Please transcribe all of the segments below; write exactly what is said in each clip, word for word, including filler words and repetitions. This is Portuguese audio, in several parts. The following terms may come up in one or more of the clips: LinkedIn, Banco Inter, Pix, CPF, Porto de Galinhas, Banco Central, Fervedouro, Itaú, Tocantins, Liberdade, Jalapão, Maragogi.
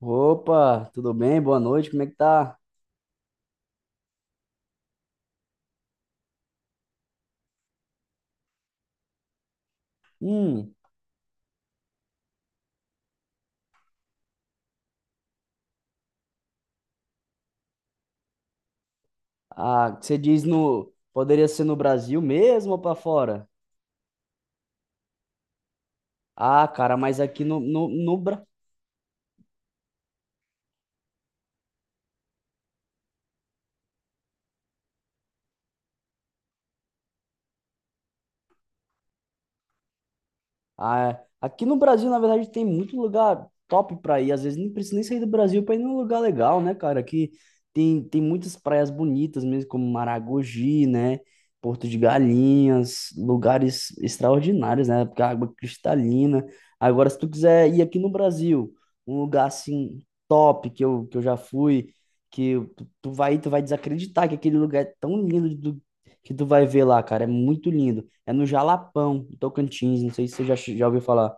Opa, tudo bem? Boa noite, como é que tá? Hum, ah, você diz no, poderia ser no Brasil mesmo ou pra fora? Ah, cara, mas aqui no, no, no, Bra- Ah, é. Aqui no Brasil, na verdade, tem muito lugar top pra ir. Às vezes nem precisa nem sair do Brasil pra ir num lugar legal, né, cara? Aqui tem, tem muitas praias bonitas mesmo, como Maragogi, né? Porto de Galinhas, lugares extraordinários, né? Porque a água é cristalina. Agora, se tu quiser ir aqui no Brasil, um lugar assim top que eu, que eu já fui, que tu tu vai, tu vai desacreditar que aquele lugar é tão lindo que tu vai ver lá, cara. É muito lindo. É no Jalapão, em Tocantins. Não sei se você já, já ouviu falar.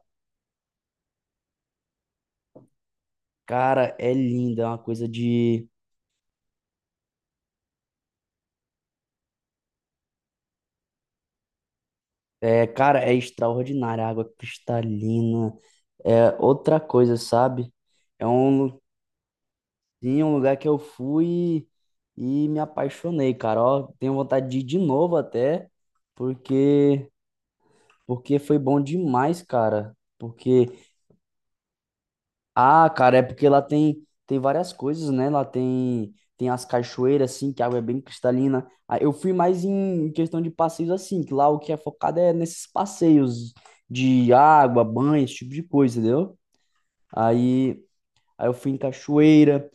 Cara, é lindo. É uma coisa de. É, cara, é extraordinário. A água cristalina. É outra coisa, sabe? É um, lu- sim, um lugar que eu fui e, e me apaixonei, cara. Ó, tenho vontade de ir de novo até, porque, porque foi bom demais, cara. Porque ah, cara, é porque lá tem tem várias coisas, né? Lá tem tem as cachoeiras assim, que a água é bem cristalina. Ah, eu fui mais em questão de passeios assim, que lá o que é focado é nesses passeios de água, banho, esse tipo de coisa, entendeu? Aí aí eu fui em cachoeira.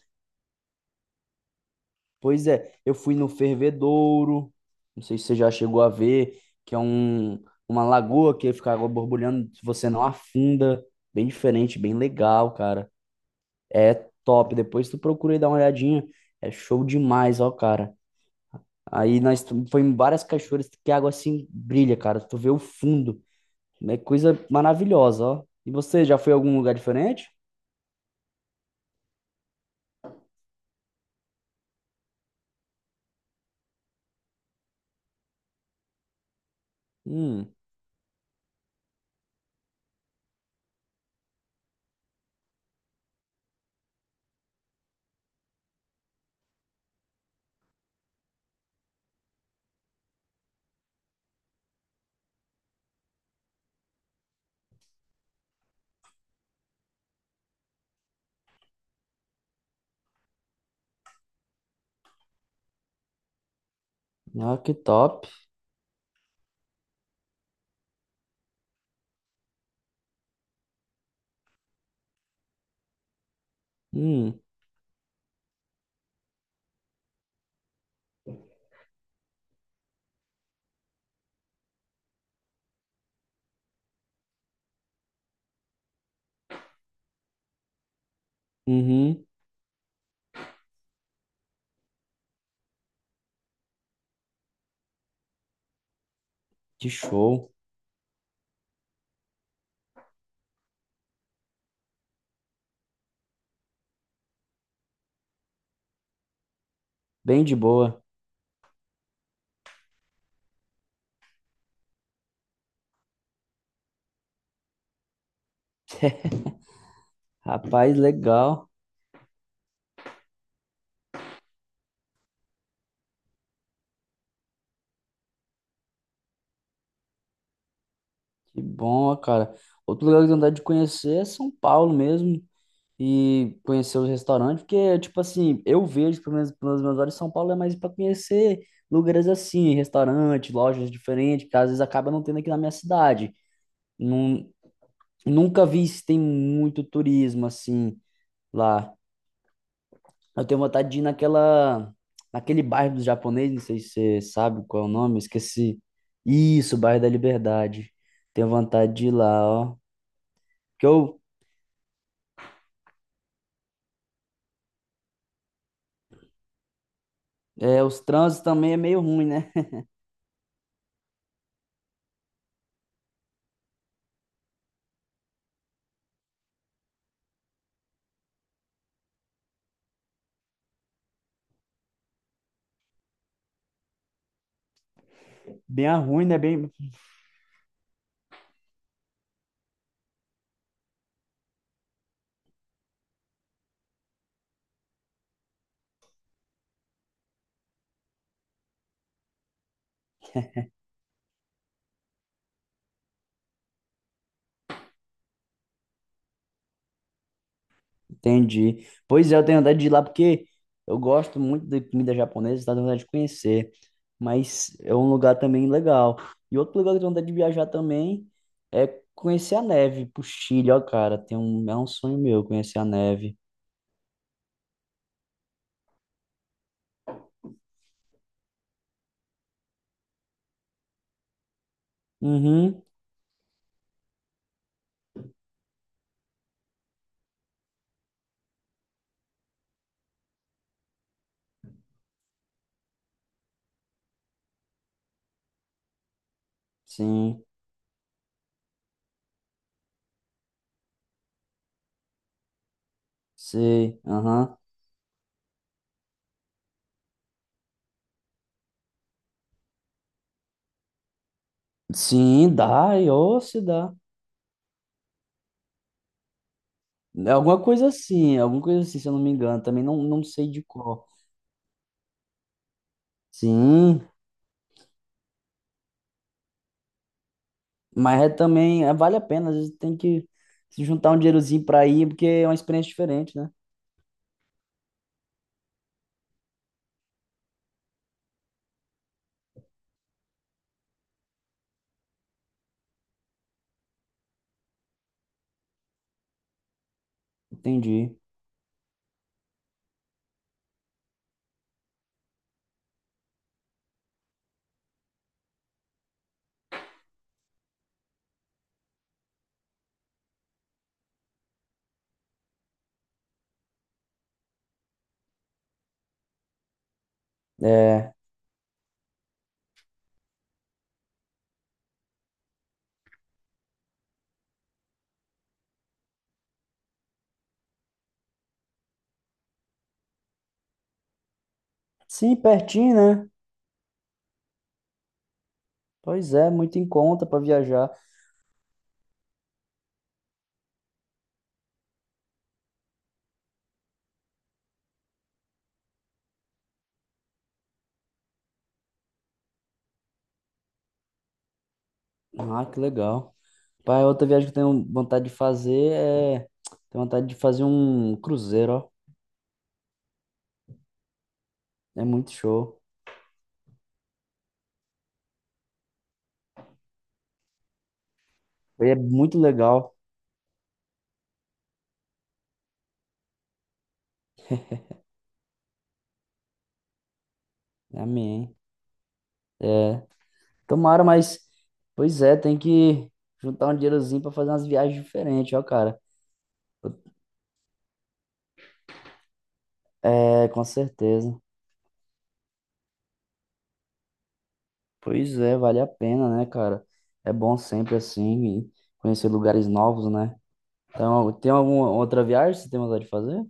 Pois é, eu fui no Fervedouro. Não sei se você já chegou a ver, que é um uma lagoa que fica água borbulhando, se você não afunda, bem diferente, bem legal, cara. É top. Depois tu procura e dá uma olhadinha. É show demais, ó, cara. Aí nós tu- foi em várias cachoeiras que a água assim brilha, cara. Tu vê o fundo. É coisa maravilhosa, ó. E você já foi a algum lugar diferente? Hum, ah, que top. Hum, uhum, que show. Bem de boa. Rapaz, legal. Que bom, ó, cara. Outro lugar que eu tenho vontade de conhecer é São Paulo mesmo. E conhecer os restaurantes, porque, tipo assim, eu vejo, pelo menos pelos meus olhos, São Paulo é mais para conhecer lugares assim, restaurantes, lojas diferentes, que às vezes acaba não tendo aqui na minha cidade. Nun- Nunca vi se tem muito turismo assim lá. Eu tenho vontade de ir naquela, naquele bairro dos japoneses, não sei se você sabe qual é o nome, esqueci. Isso, bairro da Liberdade. Tenho vontade de ir lá, ó. Porque eu, é, os trânsitos também é meio ruim, né? Bem a ruim, né? Bem entendi. Pois é, eu tenho vontade de ir lá porque eu gosto muito de comida japonesa, tá tenho vontade de conhecer. Mas é um lugar também legal. E outro lugar que eu tenho vontade de viajar também é conhecer a neve, pro Chile, ó, cara. Tem um, é um sonho meu conhecer a neve. Uhum, sim, sei, aham. Sim, dá, e ô, se dá. É alguma coisa assim, alguma coisa assim, se eu não me engano. Também não, não sei de qual. Sim, mas é também, é, vale a pena, às vezes tem que se juntar um dinheirozinho pra ir, porque é uma experiência diferente, né? Entendi. É, sim, pertinho, né? Pois é, muito em conta pra viajar. Ah, que legal. Pai, outra viagem que eu tenho vontade de fazer é. Tenho vontade de fazer um cruzeiro, ó. É muito show. E é muito legal. É amém. Tomara, mas. Pois é, tem que juntar um dinheirozinho pra fazer umas viagens diferentes, ó, cara. É, com certeza. Pois é, vale a pena, né, cara? É bom sempre assim e conhecer lugares novos, né? Então, tem alguma outra viagem que você tem vontade de fazer?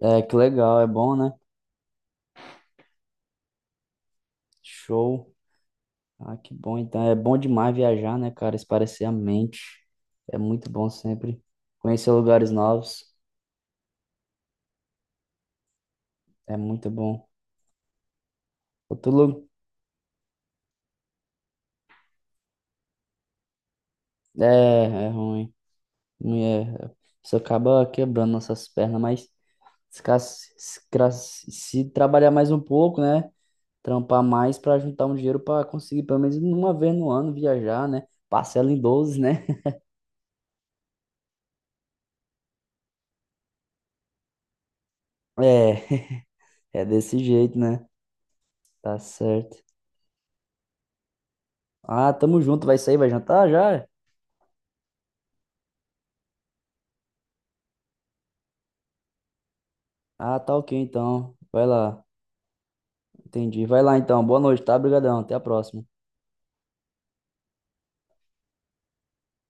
É, que legal, é bom, né? Show. Ah, que bom. Então, é bom demais viajar, né, cara? Espairecer a mente. É muito bom sempre. Conhecer lugares novos é muito bom. Outro lugar é, é ruim. Não é, isso acaba quebrando nossas pernas, mas se, ca- se, ca- se trabalhar mais um pouco, né? Trampar mais para juntar um dinheiro para conseguir pelo menos uma vez no ano viajar, né? Parcela em doze, né? É, é desse jeito, né? Tá certo. Ah, tamo junto, vai sair, vai jantar já? Ah, tá ok então. Vai lá. Entendi. Vai lá então. Boa noite, tá? Obrigadão. Até a próxima.